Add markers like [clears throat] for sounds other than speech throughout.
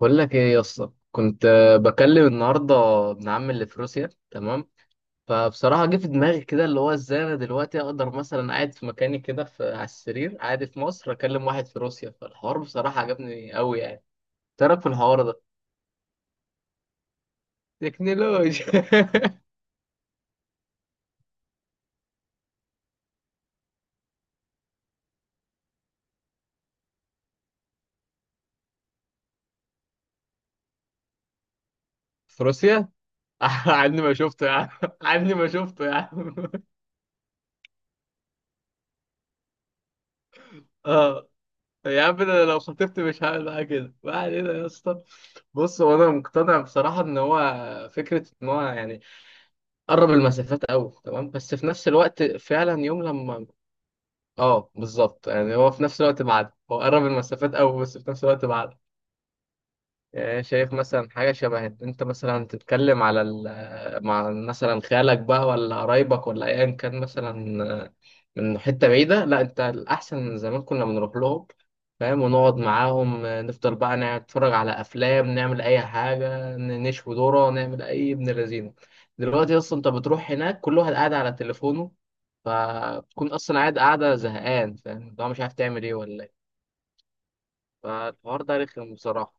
بقول لك ايه يا اسطى، كنت بكلم النهارده ابن عمي اللي في روسيا. تمام، فبصراحه جه في دماغي كده، اللي هو ازاي انا دلوقتي اقدر مثلا قاعد في مكاني كده في على السرير، قاعد في مصر اكلم واحد في روسيا. فالحوار بصراحه عجبني قوي يعني، تعرف في الحوار ده تكنولوجيا. [laughs] في روسيا. [laughs] عني ما شفته يا عم. عني ما شفته يا عم. [laughs] اه يا عم، انا لو خطبت مش هعمل معاه كده. ما علينا يا اسطى. بص، هو انا مقتنع بصراحه ان هو فكره ان هو يعني قرب المسافات قوي، تمام. بس في نفس الوقت فعلا يوم لما، اه بالظبط، يعني هو في نفس الوقت بعد. هو قرب المسافات قوي، بس في نفس الوقت بعد. يعني شايف مثلا حاجة شبه، انت مثلا تتكلم على مع مثلا خالك بقى ولا قرايبك ولا ايا كان مثلا، من حتة بعيدة. لا، انت الأحسن زمان كنا بنروح لهم، فاهم؟ ونقعد معاهم، نفضل بقى نتفرج على أفلام، نعمل أي حاجة، نشوي ذرة، نعمل أي ابن لذينة. دلوقتي أصلا انت بتروح هناك كل واحد قاعد على تليفونه، فبتكون أصلا قاعدة زهقان، فاهم؟ اللي هو مش عارف تعمل ايه ولا ايه. فالحوار ده رخم بصراحة.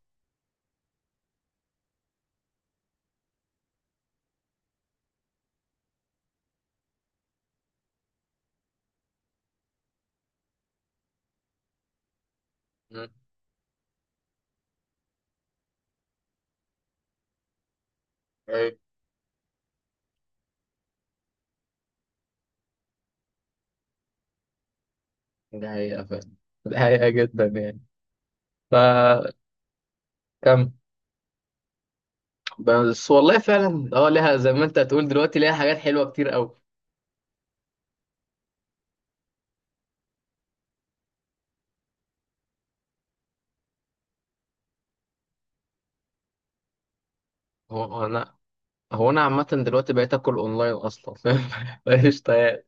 مم. دي حقيقة فعلا. دي حقيقة جدا يعني. فكم. بس والله فعلا، اه، ليها زي ما انت هتقول دلوقتي ليها حاجات حلوة كتير قوي. هو هو انا هو انا عامة دلوقتي بقيت اكل اونلاين اصلا، فاهم؟ [laughs] مفيش، طيب.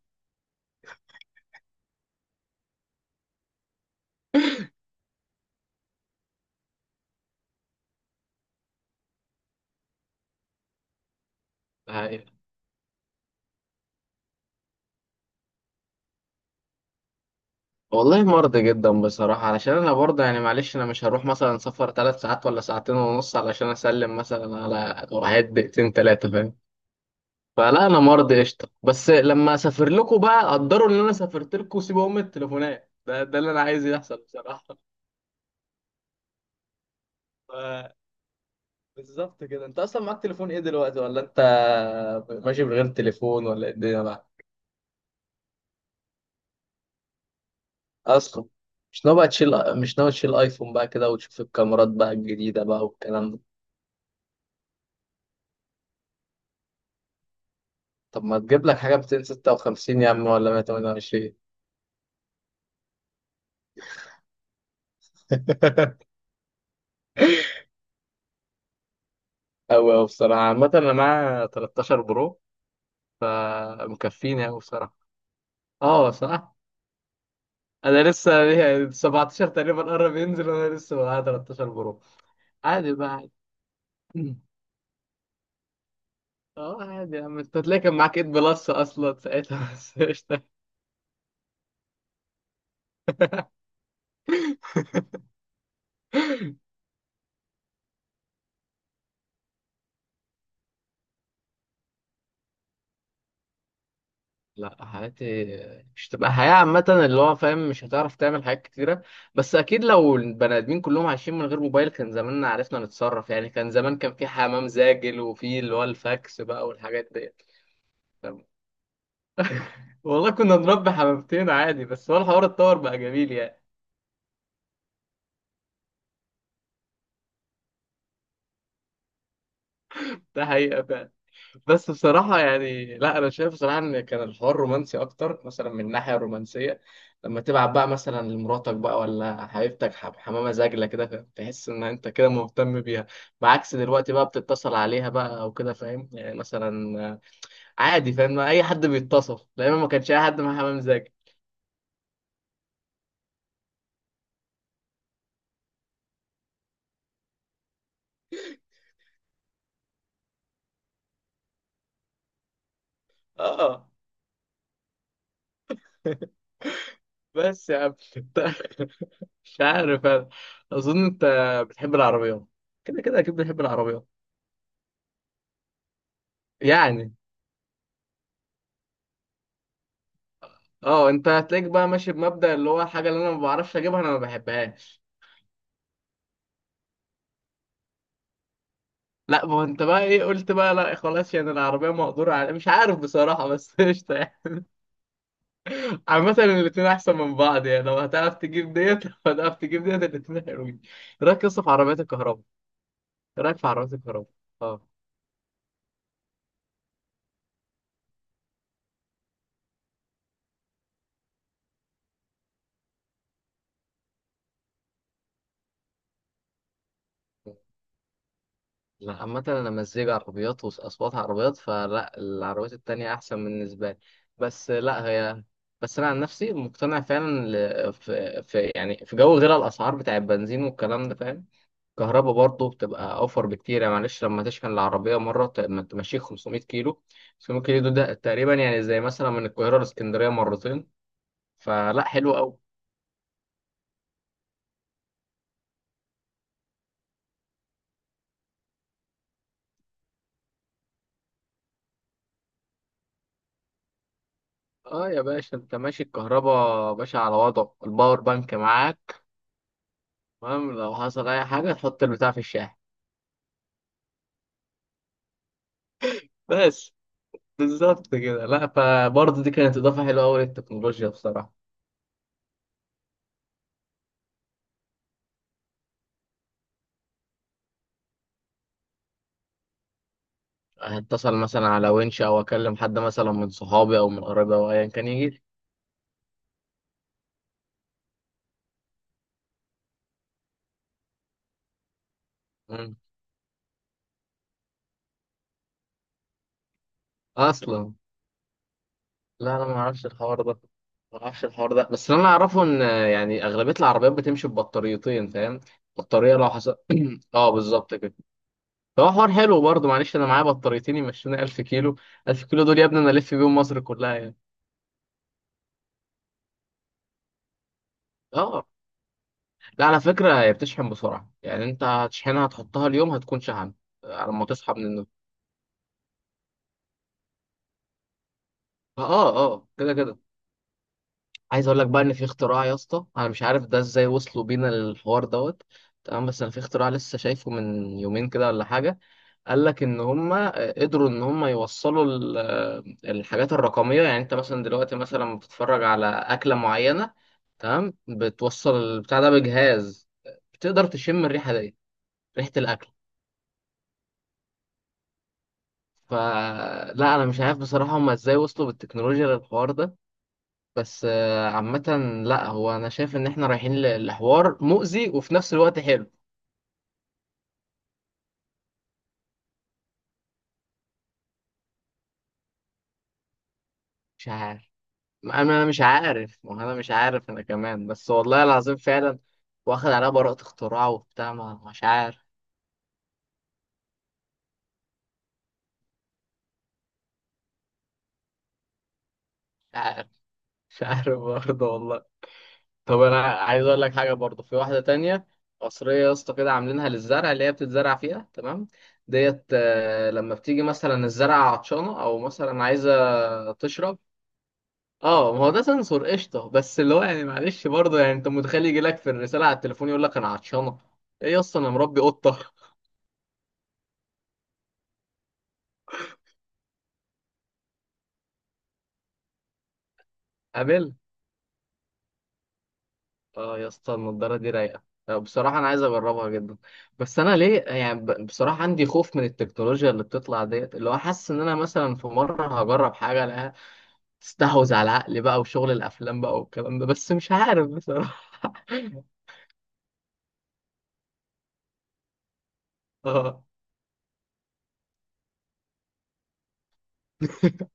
حقيقة. والله مرضي جدا بصراحة، علشان انا برضه يعني معلش، انا مش هروح مثلا سفر ثلاث ساعات ولا ساعتين ونص علشان اسلم مثلا على واحد دقيقتين ثلاثة، فاهم؟ فلا، انا مرضي قشطة. بس لما اسافر لكم بقى قدروا ان انا سافرت لكم وسيبوا ام التليفونات ده. ده اللي انا عايز يحصل بصراحة. ف- بالظبط كده. انت اصلا معاك تليفون ايه دلوقتي، ولا انت ماشي من غير تليفون، ولا ايه الدنيا بقى؟ اصلا مش ناوي بقى تشيل مش ناوي تشيل ايفون بقى كده، وتشوف الكاميرات بقى الجديدة بقى والكلام ده؟ طب ما تجيب لك حاجة 256 يا عم، ولا 128؟ [laughs] أوي أوي بصراحة. عامة أنا معايا 13 برو، فمكفيني أوي بصراحة. أه صح. أنا لسه يعني 17 تقريبا قرب ينزل، وأنا لسه معايا 13 برو. عادي بقى. عادي. اه عادي يا عم، انت هتلاقي كان معاك 8 بلس اصلا ساعتها، بس قشطة. لا، حياتي مش تبقى حياة عامة، اللي هو فاهم مش هتعرف تعمل حاجات كتيرة. بس أكيد لو البني آدمين كلهم عايشين من غير موبايل كان زماننا عرفنا نتصرف يعني. كان زمان كان في حمام زاجل، وفي اللي هو الفاكس بقى، والحاجات ديت، فاهم؟ والله كنا نربي حمامتين عادي. بس هو الحوار اتطور بقى جميل يعني. ده حقيقة. بس بصراحة يعني، لا، أنا شايف بصراحة إن كان الحوار رومانسي أكتر، مثلا من الناحية الرومانسية، لما تبعت بقى مثلا لمراتك بقى ولا حبيبتك حمامة زاجلة كده، فاهم؟ تحس إن أنت كده مهتم بيها، بعكس دلوقتي بقى بتتصل عليها بقى أو كده، فاهم؟ يعني مثلا عادي، فاهم؟ أي حد بيتصل، لأن ما كانش أي حد مع حمام زاجل. آه. [laughs] بس يا عم، [laughs] مش عارف أنا. أظن أنت بتحب العربيات، كده كده أكيد بتحب العربيات يعني. اه، انت هتلاقيك بقى ماشي بمبدأ اللي هو الحاجة اللي انا ما بعرفش اجيبها انا ما بحبهاش. لا، ما هو انت بقى ايه قلت بقى، لا خلاص يعني العربية مقدورة على، مش عارف بصراحة بس، [laughs] قشطة يعني. عامة الاتنين احسن من بعض يعني، لو هتعرف تجيب ديت، لو هتعرف تجيب ديت الاتنين حلوين. ايه رأيك قصة في عربيات الكهرباء ايه رأيك في عربيات الكهرباء؟ اه. لا، عامة أنا مزيج عربيات وأصوات عربيات، فلا العربيات التانية أحسن بالنسبة لي. بس لا هي، بس أنا عن نفسي مقتنع فعلا. في يعني في جو غير الأسعار بتاع البنزين والكلام ده، فاهم؟ الكهرباء برضه بتبقى أوفر بكتير يعني، معلش، لما تشحن العربية مرة ما تمشيك 500 كيلو. 500 كيلو ده تقريبا يعني زي مثلا من القاهرة لإسكندرية مرتين، فلا حلو أوي. اه يا باشا، انت ماشي الكهرباء باشا على وضعه، الباور بانك معاك، تمام. لو حصل اي حاجه تحط البتاع في الشاحن، بس. بالظبط كده. لا، فبرضه دي كانت اضافه حلوه قوي للتكنولوجيا بصراحه. هتصل مثلا على ونش، او اكلم حد مثلا من صحابي او من قرايبي او ايا كان يجي لي. مم. اصلا. لا انا ما اعرفش الحوار ده. ما اعرفش الحوار ده، بس اللي انا اعرفه ان يعني اغلبيه العربيات بتمشي ببطاريتين، فاهم؟ بطاريه لو حصل، [clears throat] اه بالظبط كده. فهو حوار حلو برضه. معلش، انا معايا بطاريتين يمشوني 1000 كيلو. 1000 كيلو دول يا ابني انا الف بيهم مصر كلها يعني. اه. لا على فكرة هي بتشحن بسرعة يعني، انت هتشحنها تحطها اليوم هتكون شحنت لما تصحى من النوم. اه، اه كده كده. عايز اقول لك بقى ان في اختراع يا اسطى، انا مش عارف ده ازاي وصلوا بينا للحوار دوت، تمام. بس انا في اختراع لسه شايفه من يومين كده ولا حاجة. قال لك ان هم قدروا ان هم يوصلوا الحاجات الرقمية. يعني انت مثلا دلوقتي مثلا لما بتتفرج على اكلة معينة، تمام، بتوصل البتاع ده بجهاز، بتقدر تشم الريحة دي، ريحة الاكل. فلا انا مش عارف بصراحه هما ازاي وصلوا بالتكنولوجيا للحوار ده، بس عامه، لا، هو انا شايف ان احنا رايحين لحوار مؤذي وفي نفس الوقت حلو. مش عارف. ما انا مش عارف انا كمان، بس والله العظيم فعلا. واخد عليها براءة اختراع وبتاع، مش عارف. مش عارف. مش عارف برضه والله. طب انا عايز اقول لك حاجه برضو، في واحده تانية، قصريه يا اسطى كده عاملينها للزرع اللي هي بتتزرع فيها، تمام. ديت، لما بتيجي مثلا الزرعه عطشانه او مثلا عايزه تشرب. اه ما هو ده سنسور قشطه، بس اللي هو يعني، معلش برضه يعني انت متخيل يجي لك في الرساله على التليفون يقول لك انا عطشانه؟ ايه يا اسطى انا مربي قطه. [laughs] اه يا اسطى النضاره دي رايقه. بصراحه انا عايز اجربها جدا، بس انا ليه يعني بصراحه عندي خوف من التكنولوجيا اللي بتطلع ديت. اللي هو حاسس ان انا مثلا في مره هجرب حاجه الاقيها تستحوذ على العقل بقى، وشغل الافلام بقى والكلام ده، بس مش عارف بصراحه. [laughs] اه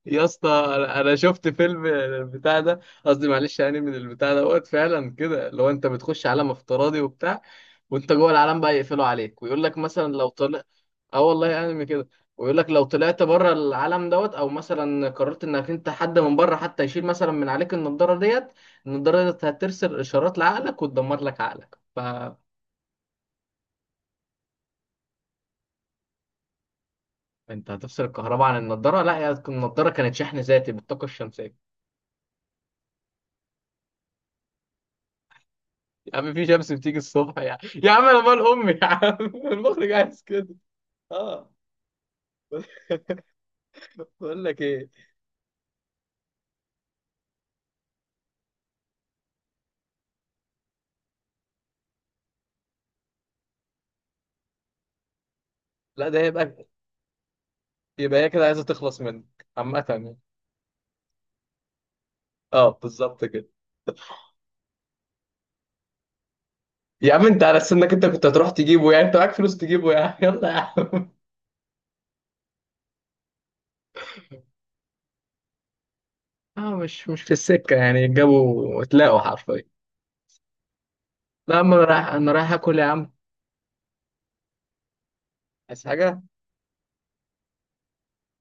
يا اسطى، انا شفت فيلم البتاع ده. قصدي معلش يعني من البتاع دوت، فعلا كده لو انت بتخش عالم افتراضي وبتاع، وانت جوه العالم بقى يقفلوا عليك ويقول لك مثلا لو طلع، اه والله انمي كده. ويقول لك لو طلعت بره العالم دوت، او مثلا قررت انك انت حد من بره حتى يشيل مثلا من عليك النضاره ديت، النضاره ديت هترسل اشارات لعقلك وتدمر لك عقلك. فانت هتفصل الكهرباء عن النضاره؟ لا، هي النضاره كانت شحن ذاتي بالطاقه الشمسيه. يا عم في شمس بتيجي الصبح يا عم. يا عم انا مال امي يا عم. [laughs] المخرج عايز كده. اه. [laughs] بقول لك ايه. لا ده يبقى، يبقى هي كده عايزه تخلص منك، عامه يعني. اه بالظبط كده. يا عم انت على سنك انت كنت هتروح تجيبه يعني؟ انت معاك فلوس تجيبه يا عم. [laughs] يلا يا عم. اه، مش في السكه يعني، جابوا وتلاقوا حرفيا. لا، اما انا رايح اكل يا عم. عايز حاجه.